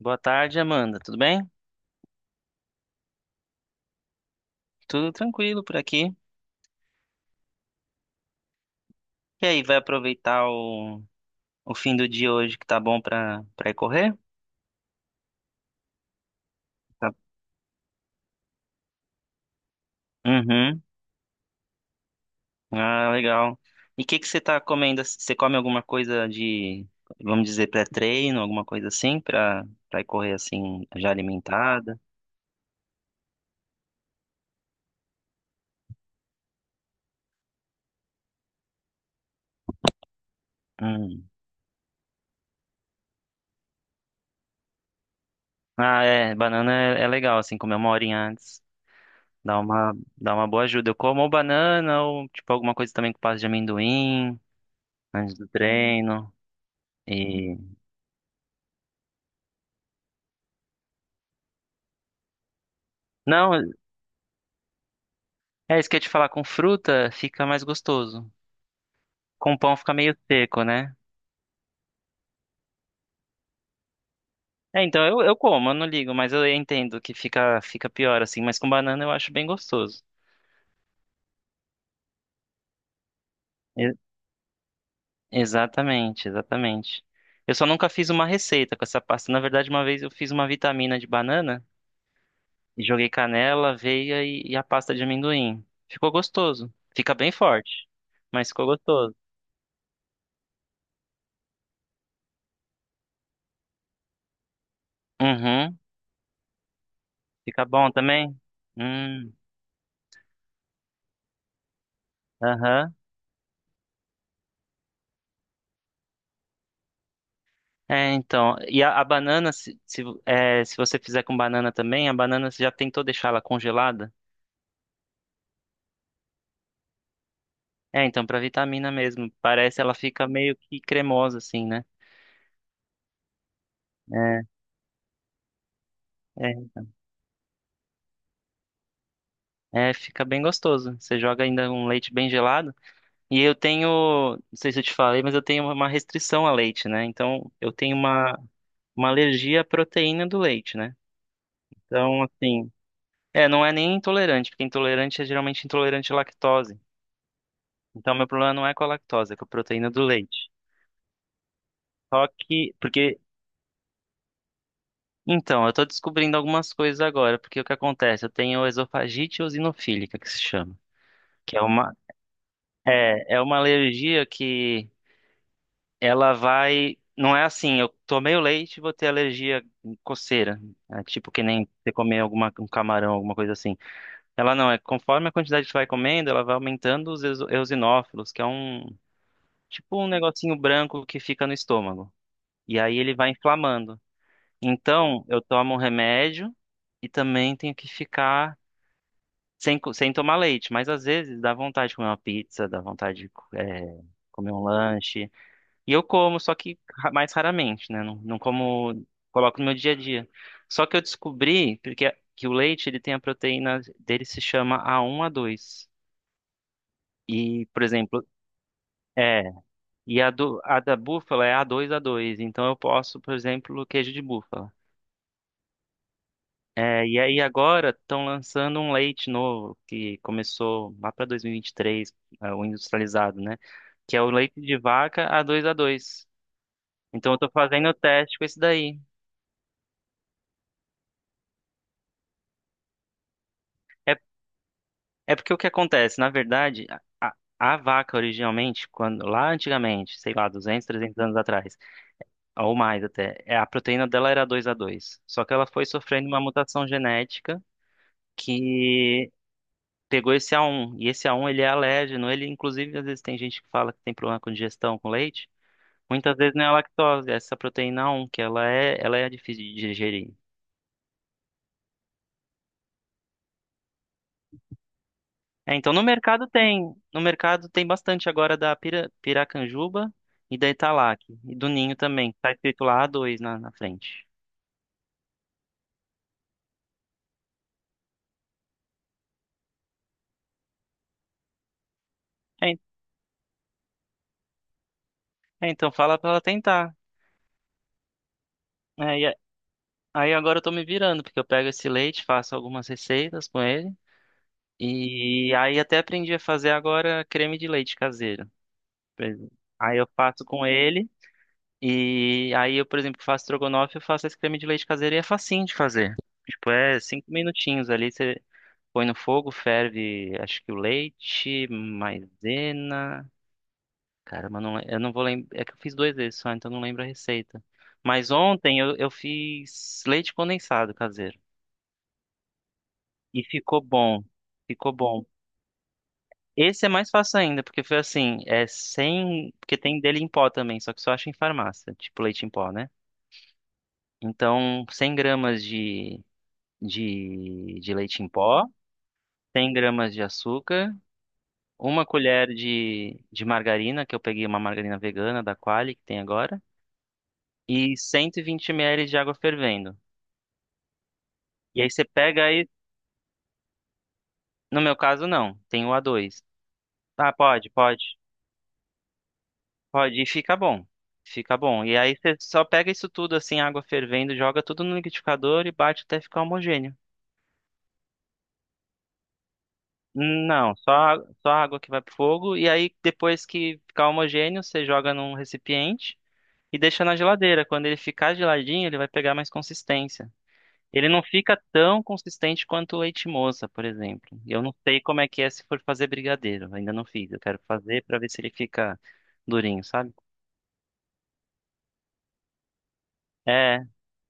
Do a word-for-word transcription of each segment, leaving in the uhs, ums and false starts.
Boa tarde, Amanda. Tudo bem? Tudo tranquilo por aqui. E aí, vai aproveitar o, o fim do dia hoje que tá bom pra, pra ir correr? Tá. Uhum. Ah, legal. E o que que você tá comendo? Você come alguma coisa de, vamos dizer, pré-treino, alguma coisa assim, pra, pra ir correr assim, já alimentada? Hum. Ah, é. Banana é, é legal, assim, comer uma horinha antes. Dá uma, dá uma boa ajuda. Eu como ou banana ou, tipo, alguma coisa também com pasta de amendoim antes do treino. E. Não, é isso que eu ia te falar, com fruta fica mais gostoso. Com pão fica meio seco, né? É, então eu, eu como, eu não ligo, mas eu entendo que fica, fica pior assim, mas com banana eu acho bem gostoso. E- Exatamente, exatamente. Eu só nunca fiz uma receita com essa pasta. Na verdade, uma vez eu fiz uma vitamina de banana e joguei canela, aveia e, e a pasta de amendoim. Ficou gostoso. Fica bem forte, mas ficou gostoso. Uhum. Fica bom também? Hum, aham. É, então, e a, a banana, se, se, é, se você fizer com banana também, a banana você já tentou deixar ela congelada? É, então, pra vitamina mesmo. Parece ela fica meio que cremosa, assim, né? É, é, é, fica bem gostoso. Você joga ainda um leite bem gelado. E eu tenho, não sei se eu te falei, mas eu tenho uma restrição a leite, né? Então, eu tenho uma, uma alergia à proteína do leite, né? Então, assim, é, não é nem intolerante, porque intolerante é geralmente intolerante à lactose. Então, meu problema não é com a lactose, é com a proteína do leite. Só que, porque, então, eu tô descobrindo algumas coisas agora, porque o que acontece? Eu tenho esofagite eosinofílica, que se chama, que é uma, é, é uma alergia que ela vai, não é assim, eu tomei o leite e vou ter alergia coceira, é tipo que nem você comer alguma, um camarão, alguma coisa assim. Ela não, é conforme a quantidade que você vai comendo, ela vai aumentando os eoso- eosinófilos, que é um, tipo um negocinho branco que fica no estômago. E aí ele vai inflamando. Então, eu tomo um remédio e também tenho que ficar sem, co- sem tomar leite. Mas às vezes dá vontade de comer uma pizza, dá vontade de, co- eh, comer um lanche. E eu como, só que ra- mais raramente, né? Não, não como, coloco no meu dia a dia. Só que eu descobri porque, que o leite ele tem a proteína dele se chama A um, a dois. E, por exemplo, é. E a, do, a da búfala é A dois, a dois. Então eu posso, por exemplo, queijo de búfala. É, e aí agora estão lançando um leite novo que começou lá para dois mil e vinte e três, é, o industrializado, né? Que é o leite de vaca A dois A dois. Então eu tô fazendo o teste com esse daí. É, é porque o que acontece, na verdade, a vaca originalmente, quando lá antigamente, sei lá, duzentos, trezentos anos atrás, ou mais até, é, a proteína dela era A dois A dois. Só que ela foi sofrendo uma mutação genética que pegou esse A um, e esse A um ele é alérgeno, ele inclusive às vezes tem gente que fala que tem problema com digestão com leite, muitas vezes não é a lactose, é essa proteína A um que ela é, ela é difícil de digerir. É, então no mercado tem, no mercado tem bastante agora da pira, piracanjuba e da Italac, e do Ninho também, tá escrito lá A dois na, na frente. É, é, então fala pra ela tentar. É, e a- aí agora eu tô me virando, porque eu pego esse leite, faço algumas receitas com ele, e aí até aprendi a fazer agora creme de leite caseiro. Pois é. Aí eu faço com ele. E aí eu, por exemplo, faço estrogonofe, eu faço esse creme de leite caseiro e é facinho de fazer. Tipo, é cinco minutinhos ali, você põe no fogo, ferve, acho que o leite, maisena. Caramba, eu não, le- eu não vou lembrar. É que eu fiz dois vezes só, então eu não lembro a receita. Mas ontem eu, eu fiz leite condensado caseiro. E ficou bom. Ficou bom. Esse é mais fácil ainda, porque foi assim, é sem. Porque tem dele em pó também, só que só acha em farmácia, tipo leite em pó, né? Então, cem gramas de, de, de leite em pó, cem gramas de açúcar, uma colher de, de margarina, que eu peguei uma margarina vegana da Qualy, que tem agora, e cento e vinte mililitros de água fervendo. E aí você pega aí, no meu caso não, tem o a dois. Ah, pode, pode, pode, e fica bom. Fica bom. E aí você só pega isso tudo assim, água fervendo, joga tudo no liquidificador e bate até ficar homogêneo. Não, só, a- só água que vai pro fogo. E aí, depois que ficar homogêneo, você joga num recipiente e deixa na geladeira. Quando ele ficar geladinho, ele vai pegar mais consistência. Ele não fica tão consistente quanto o leite moça, por exemplo. Eu não sei como é que é se for fazer brigadeiro. Ainda não fiz. Eu quero fazer pra ver se ele fica durinho, sabe? É,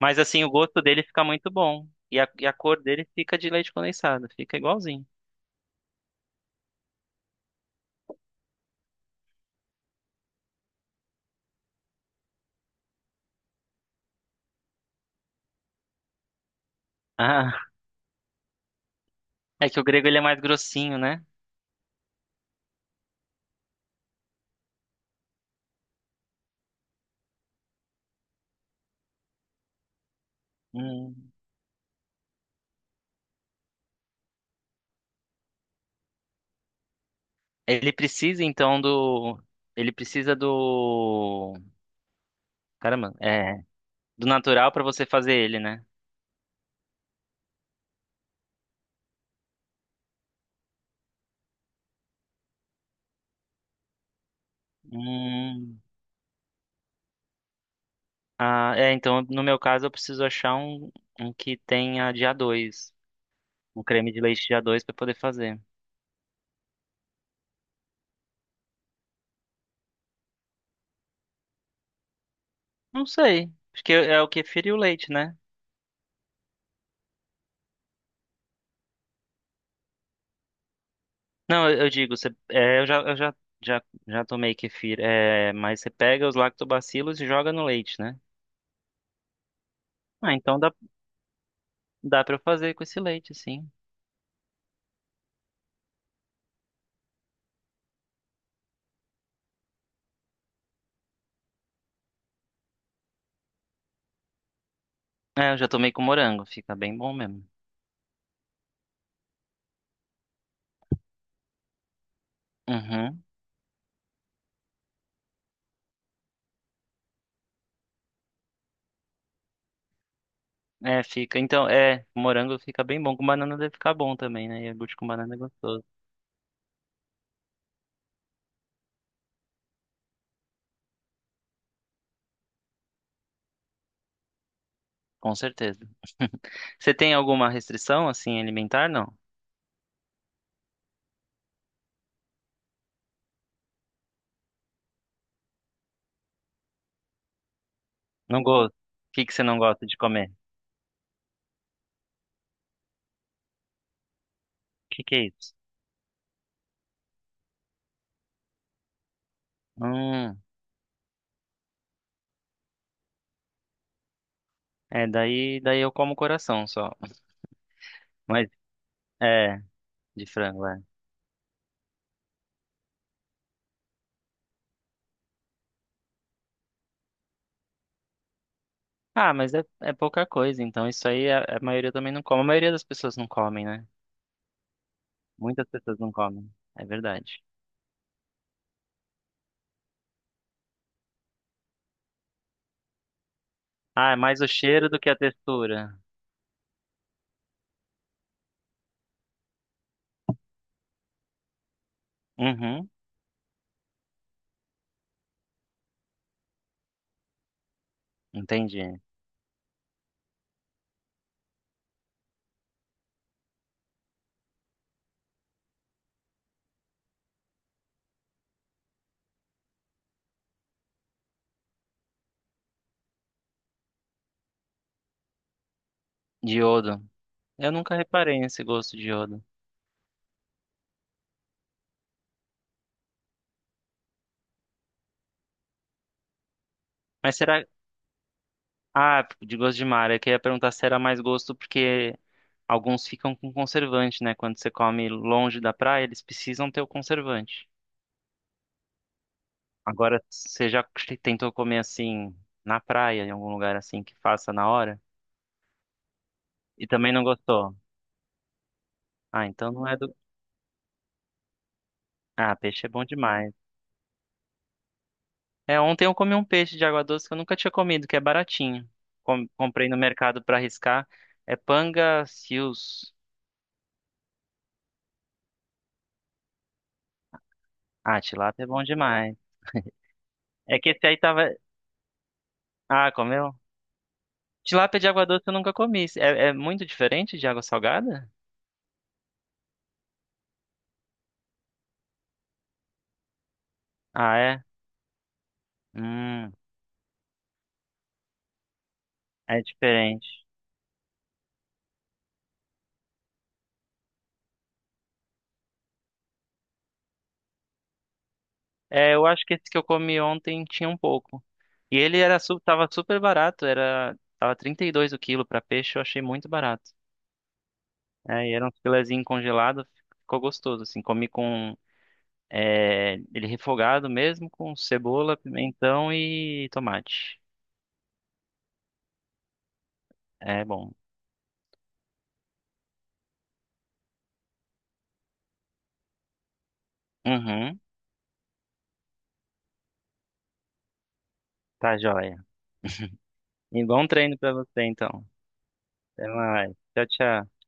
mas assim, o gosto dele fica muito bom. E a, e a cor dele fica de leite condensado. Fica igualzinho. Ah, é que o grego ele é mais grossinho, né? Hum. Ele precisa então do. Ele precisa do. Caramba, é. Do natural pra você fazer ele, né? Hum. Ah, é, então no meu caso eu preciso achar um, um que tenha de A dois. Um creme de leite de A dois pra poder fazer. Não sei. Acho que é o kefir e o leite, né? Não, eu, eu digo, você, é, eu já, eu já, já, já tomei kefir. É, mas você pega os lactobacilos e joga no leite, né? Ah, então dá, dá pra eu fazer com esse leite, sim. É, eu já tomei com morango, fica bem bom mesmo. Uhum. É, fica. Então, é, morango fica bem bom. Com banana deve ficar bom também, né? Iogurte com banana é gostoso. Com certeza. Você tem alguma restrição, assim, alimentar? Não. Não gosto. O que que você não gosta de comer? O que que é isso? Hum, é, daí, daí eu como coração só. Mas, é, de frango, é. Ah, mas é, é pouca coisa, então isso aí a, a maioria também não come. A maioria das pessoas não comem, né? Muitas pessoas não comem. É verdade. Ah, é mais o cheiro do que a textura. Uhum, entendi. Diodo. Eu nunca reparei nesse gosto de iodo. Mas será. Ah, de gosto de mar. Eu queria perguntar se era mais gosto porque alguns ficam com conservante, né? Quando você come longe da praia, eles precisam ter o conservante. Agora, você já tentou comer assim na praia, em algum lugar assim que faça na hora? E também não gostou? Ah, então não é do. Ah, peixe é bom demais. É, ontem eu comi um peixe de água doce que eu nunca tinha comido, que é baratinho. Com- comprei no mercado pra arriscar. É panga seals. Ah, tilápia é bom demais. É que esse aí tava. Ah, comeu? Tilápia de água doce eu nunca comi. É, é muito diferente de água salgada? Ah, é? Hum, é diferente. É, eu acho que esse que eu comi ontem tinha um pouco. E ele era, su- tava super barato, era, tava trinta e dois o quilo pra peixe, eu achei muito barato. É, e era um filezinho congelado, ficou gostoso, assim, comi com, é, ele refogado mesmo, com cebola, pimentão e tomate. É bom. Uhum, tá joia. E bom treino pra você, então. Até mais. Tchau, tchau.